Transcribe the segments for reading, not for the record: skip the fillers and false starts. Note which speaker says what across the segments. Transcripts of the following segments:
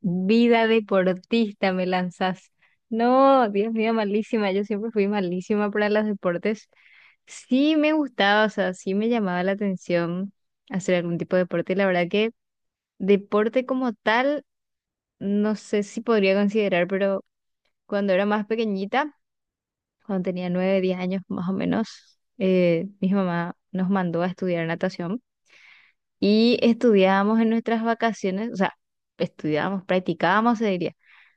Speaker 1: Vida deportista me lanzas. No, Dios mío, malísima. Yo siempre fui malísima para los deportes. Sí me gustaba, o sea, sí me llamaba la atención hacer algún tipo de deporte. La verdad que deporte como tal, no sé si podría considerar, pero cuando era más pequeñita, cuando tenía 9, 10 años más o menos, mi mamá nos mandó a estudiar natación y estudiábamos en nuestras vacaciones, o sea, estudiábamos, practicábamos, se diría.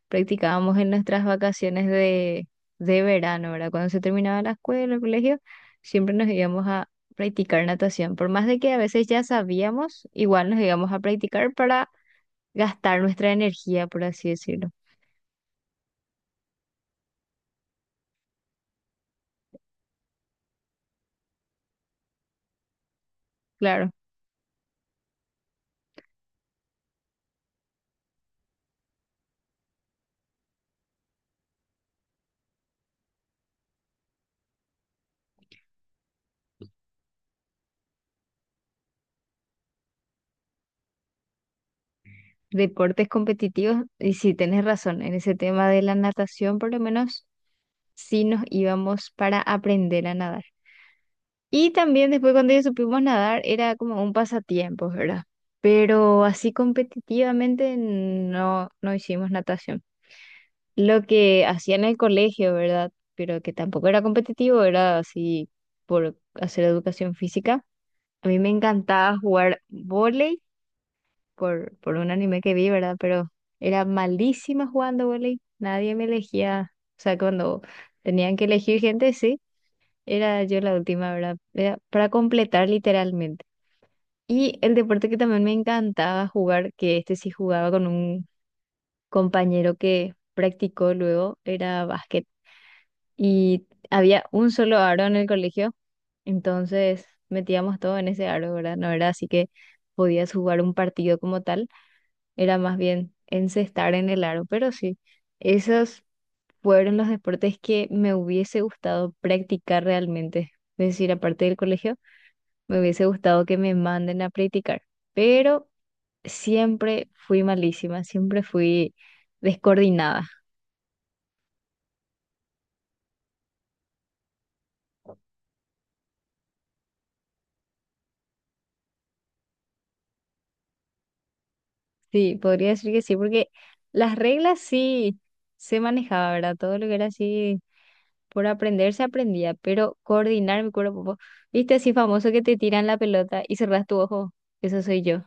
Speaker 1: Practicábamos en nuestras vacaciones de verano, ¿verdad? Cuando se terminaba la escuela, el colegio, siempre nos íbamos a practicar natación. Por más de que a veces ya sabíamos, igual nos íbamos a practicar para gastar nuestra energía, por así decirlo. Claro, deportes competitivos, y sí, tenés razón, en ese tema de la natación, por lo menos sí nos íbamos para aprender a nadar. Y también después cuando ya supimos nadar era como un pasatiempo, ¿verdad? Pero así competitivamente no hicimos natación. Lo que hacía en el colegio, ¿verdad? Pero que tampoco era competitivo, era así por hacer educación física. A mí me encantaba jugar vóley por un anime que vi, ¿verdad? Pero era malísima jugando vóley. Nadie me elegía. O sea, cuando tenían que elegir gente, sí, era yo la última, ¿verdad? Era para completar literalmente. Y el deporte que también me encantaba jugar, que este sí jugaba con un compañero que practicó luego, era básquet. Y había un solo aro en el colegio, entonces metíamos todo en ese aro, ¿verdad? No era así que podías jugar un partido como tal, era más bien encestar en el aro, pero sí, esos fueron los deportes que me hubiese gustado practicar realmente. Es decir, aparte del colegio, me hubiese gustado que me manden a practicar. Pero siempre fui malísima, siempre fui descoordinada. Sí, podría decir que sí, porque las reglas sí se manejaba, ¿verdad? Todo lo que era así por aprender se aprendía, pero coordinar mi cuerpo, viste así famoso que te tiran la pelota y cerrás tu ojo, eso soy yo,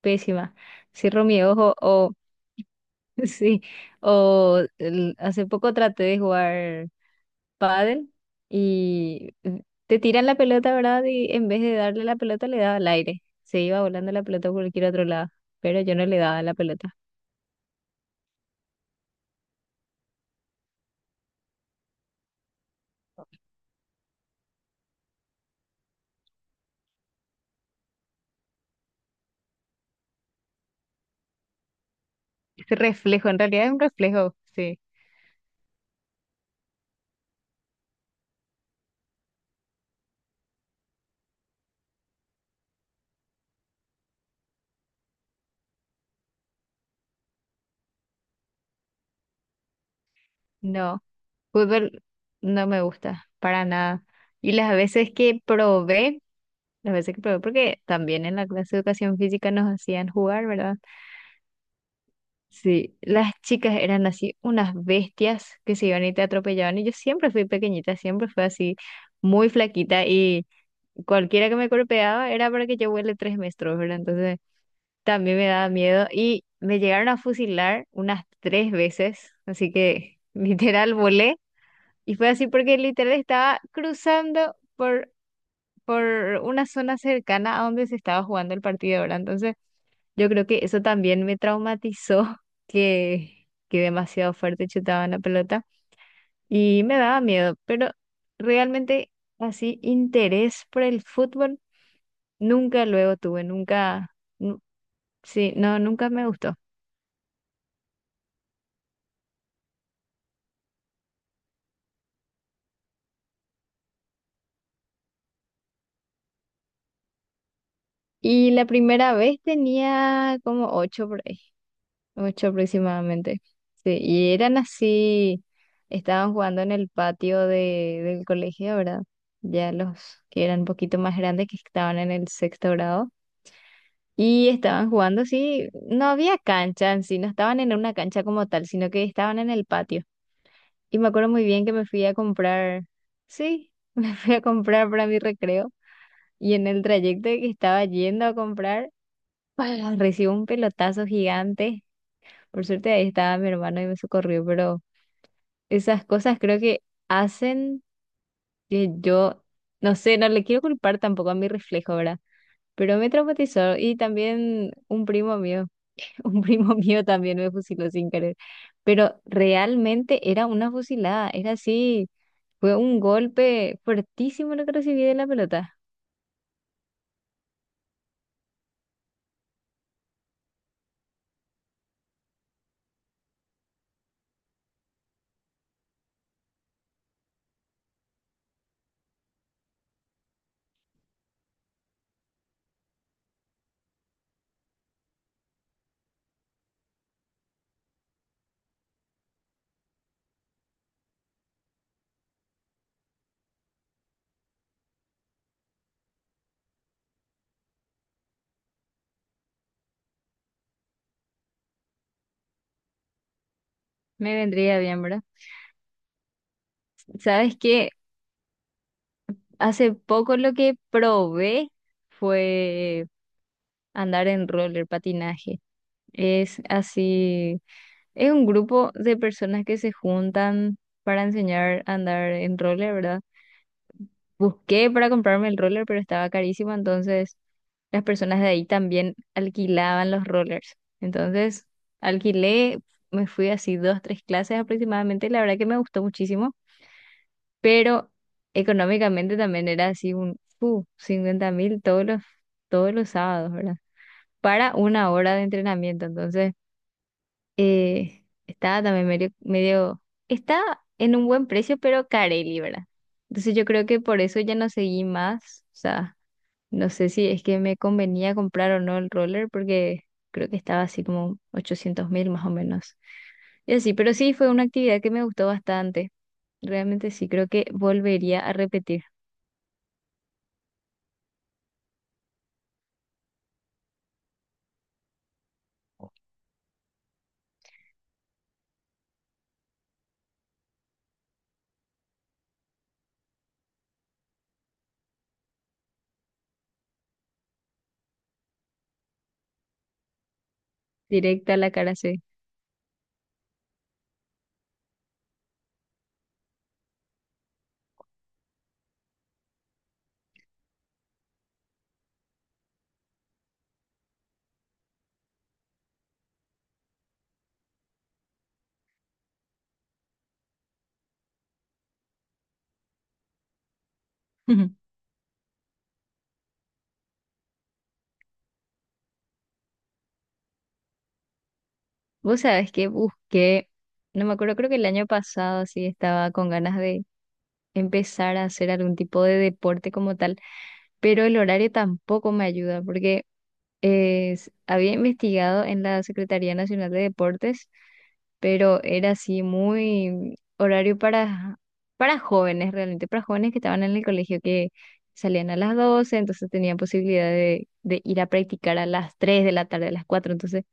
Speaker 1: pésima. Cierro mi ojo o sí, o hace poco traté de jugar pádel y te tiran la pelota, ¿verdad? Y en vez de darle la pelota, le daba al aire. Se iba volando la pelota por cualquier otro lado, pero yo no le daba la pelota. Ese reflejo, en realidad es un reflejo, sí. No, fútbol no me gusta, para nada. Y las veces que probé, las veces que probé, porque también en la clase de educación física nos hacían jugar, ¿verdad? Sí, las chicas eran así unas bestias que se iban y te atropellaban. Y yo siempre fui pequeñita, siempre fui así muy flaquita y cualquiera que me golpeaba era para que yo vuele 3 metros, ¿verdad? Entonces también me daba miedo y me llegaron a fusilar unas 3 veces, así que literal volé y fue así porque literal estaba cruzando por una zona cercana a donde se estaba jugando el partido, ¿verdad? Entonces yo creo que eso también me traumatizó, que demasiado fuerte chutaban la pelota y me daba miedo, pero realmente así interés por el fútbol. Nunca luego tuve, nunca, nu- sí, no, nunca me gustó. Y la primera vez tenía como ocho por ahí, ocho aproximadamente. Sí, y eran así, estaban jugando en el patio del colegio, ¿verdad? Ya los que eran un poquito más grandes, que estaban en el 6.º grado. Y estaban jugando así, no había cancha en sí, no estaban en una cancha como tal, sino que estaban en el patio. Y me acuerdo muy bien que me fui a comprar, sí, me fui a comprar para mi recreo. Y en el trayecto que estaba yendo a comprar, ¡pah! Recibo un pelotazo gigante. Por suerte ahí estaba mi hermano y me socorrió, pero esas cosas creo que hacen que yo, no sé, no le quiero culpar tampoco a mi reflejo, ¿verdad? Pero me traumatizó y también un primo mío, un primo mío también me fusiló sin querer. Pero realmente era una fusilada, era así, fue un golpe fuertísimo lo que recibí de la pelota. Me vendría bien, ¿verdad? ¿Sabes qué? Hace poco lo que probé fue andar en roller patinaje. Es así, es un grupo de personas que se juntan para enseñar a andar en roller, ¿verdad? Busqué para comprarme el roller, pero estaba carísimo, entonces las personas de ahí también alquilaban los rollers. Entonces alquilé, me fui así 2, 3 clases aproximadamente, y la verdad que me gustó muchísimo. Pero económicamente también era así un 50.000 todos los sábados, ¿verdad? Para una hora de entrenamiento. Entonces, estaba también medio, está en un buen precio, pero carelli, ¿verdad? Entonces yo creo que por eso ya no seguí más. O sea, no sé si es que me convenía comprar o no el roller, porque creo que estaba así como 800.000 más o menos. Y así, pero sí, fue una actividad que me gustó bastante. Realmente sí, creo que volvería a repetir. Directa a la cara C. Vos sabés que busqué, no me acuerdo, creo que el año pasado así estaba con ganas de empezar a hacer algún tipo de deporte como tal, pero el horario tampoco me ayuda porque había investigado en la Secretaría Nacional de Deportes, pero era así muy horario para jóvenes realmente, para jóvenes que estaban en el colegio que salían a las 12, entonces tenían posibilidad de ir a practicar a las 3 de la tarde, a las 4, entonces...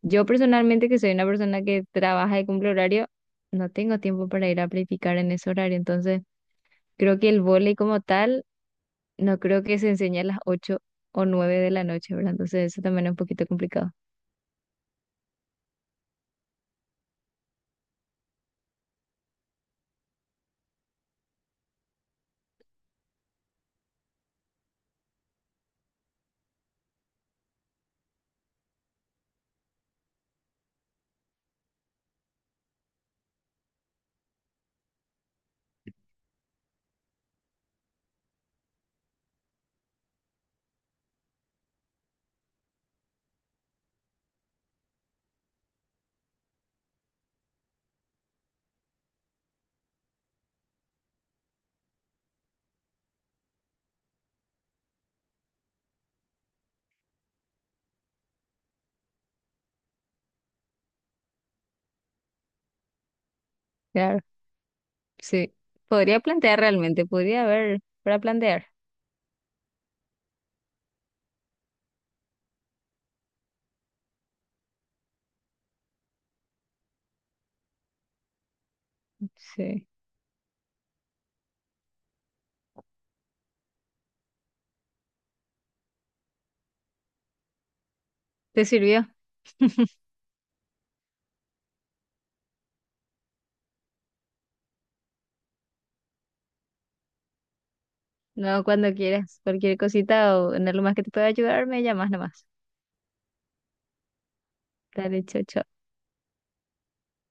Speaker 1: Yo personalmente, que soy una persona que trabaja y cumple horario, no tengo tiempo para ir a practicar en ese horario. Entonces, creo que el vóley como tal, no creo que se enseñe a las 8 o 9 de la noche, ¿verdad? Entonces, eso también es un poquito complicado. Claro, sí. Podría plantear realmente, podría haber para plantear. Sí. ¿Te sirvió? No, cuando quieras. Cualquier cosita o en algo más que te pueda ayudar, me llamas nomás. Dale, chao, chao.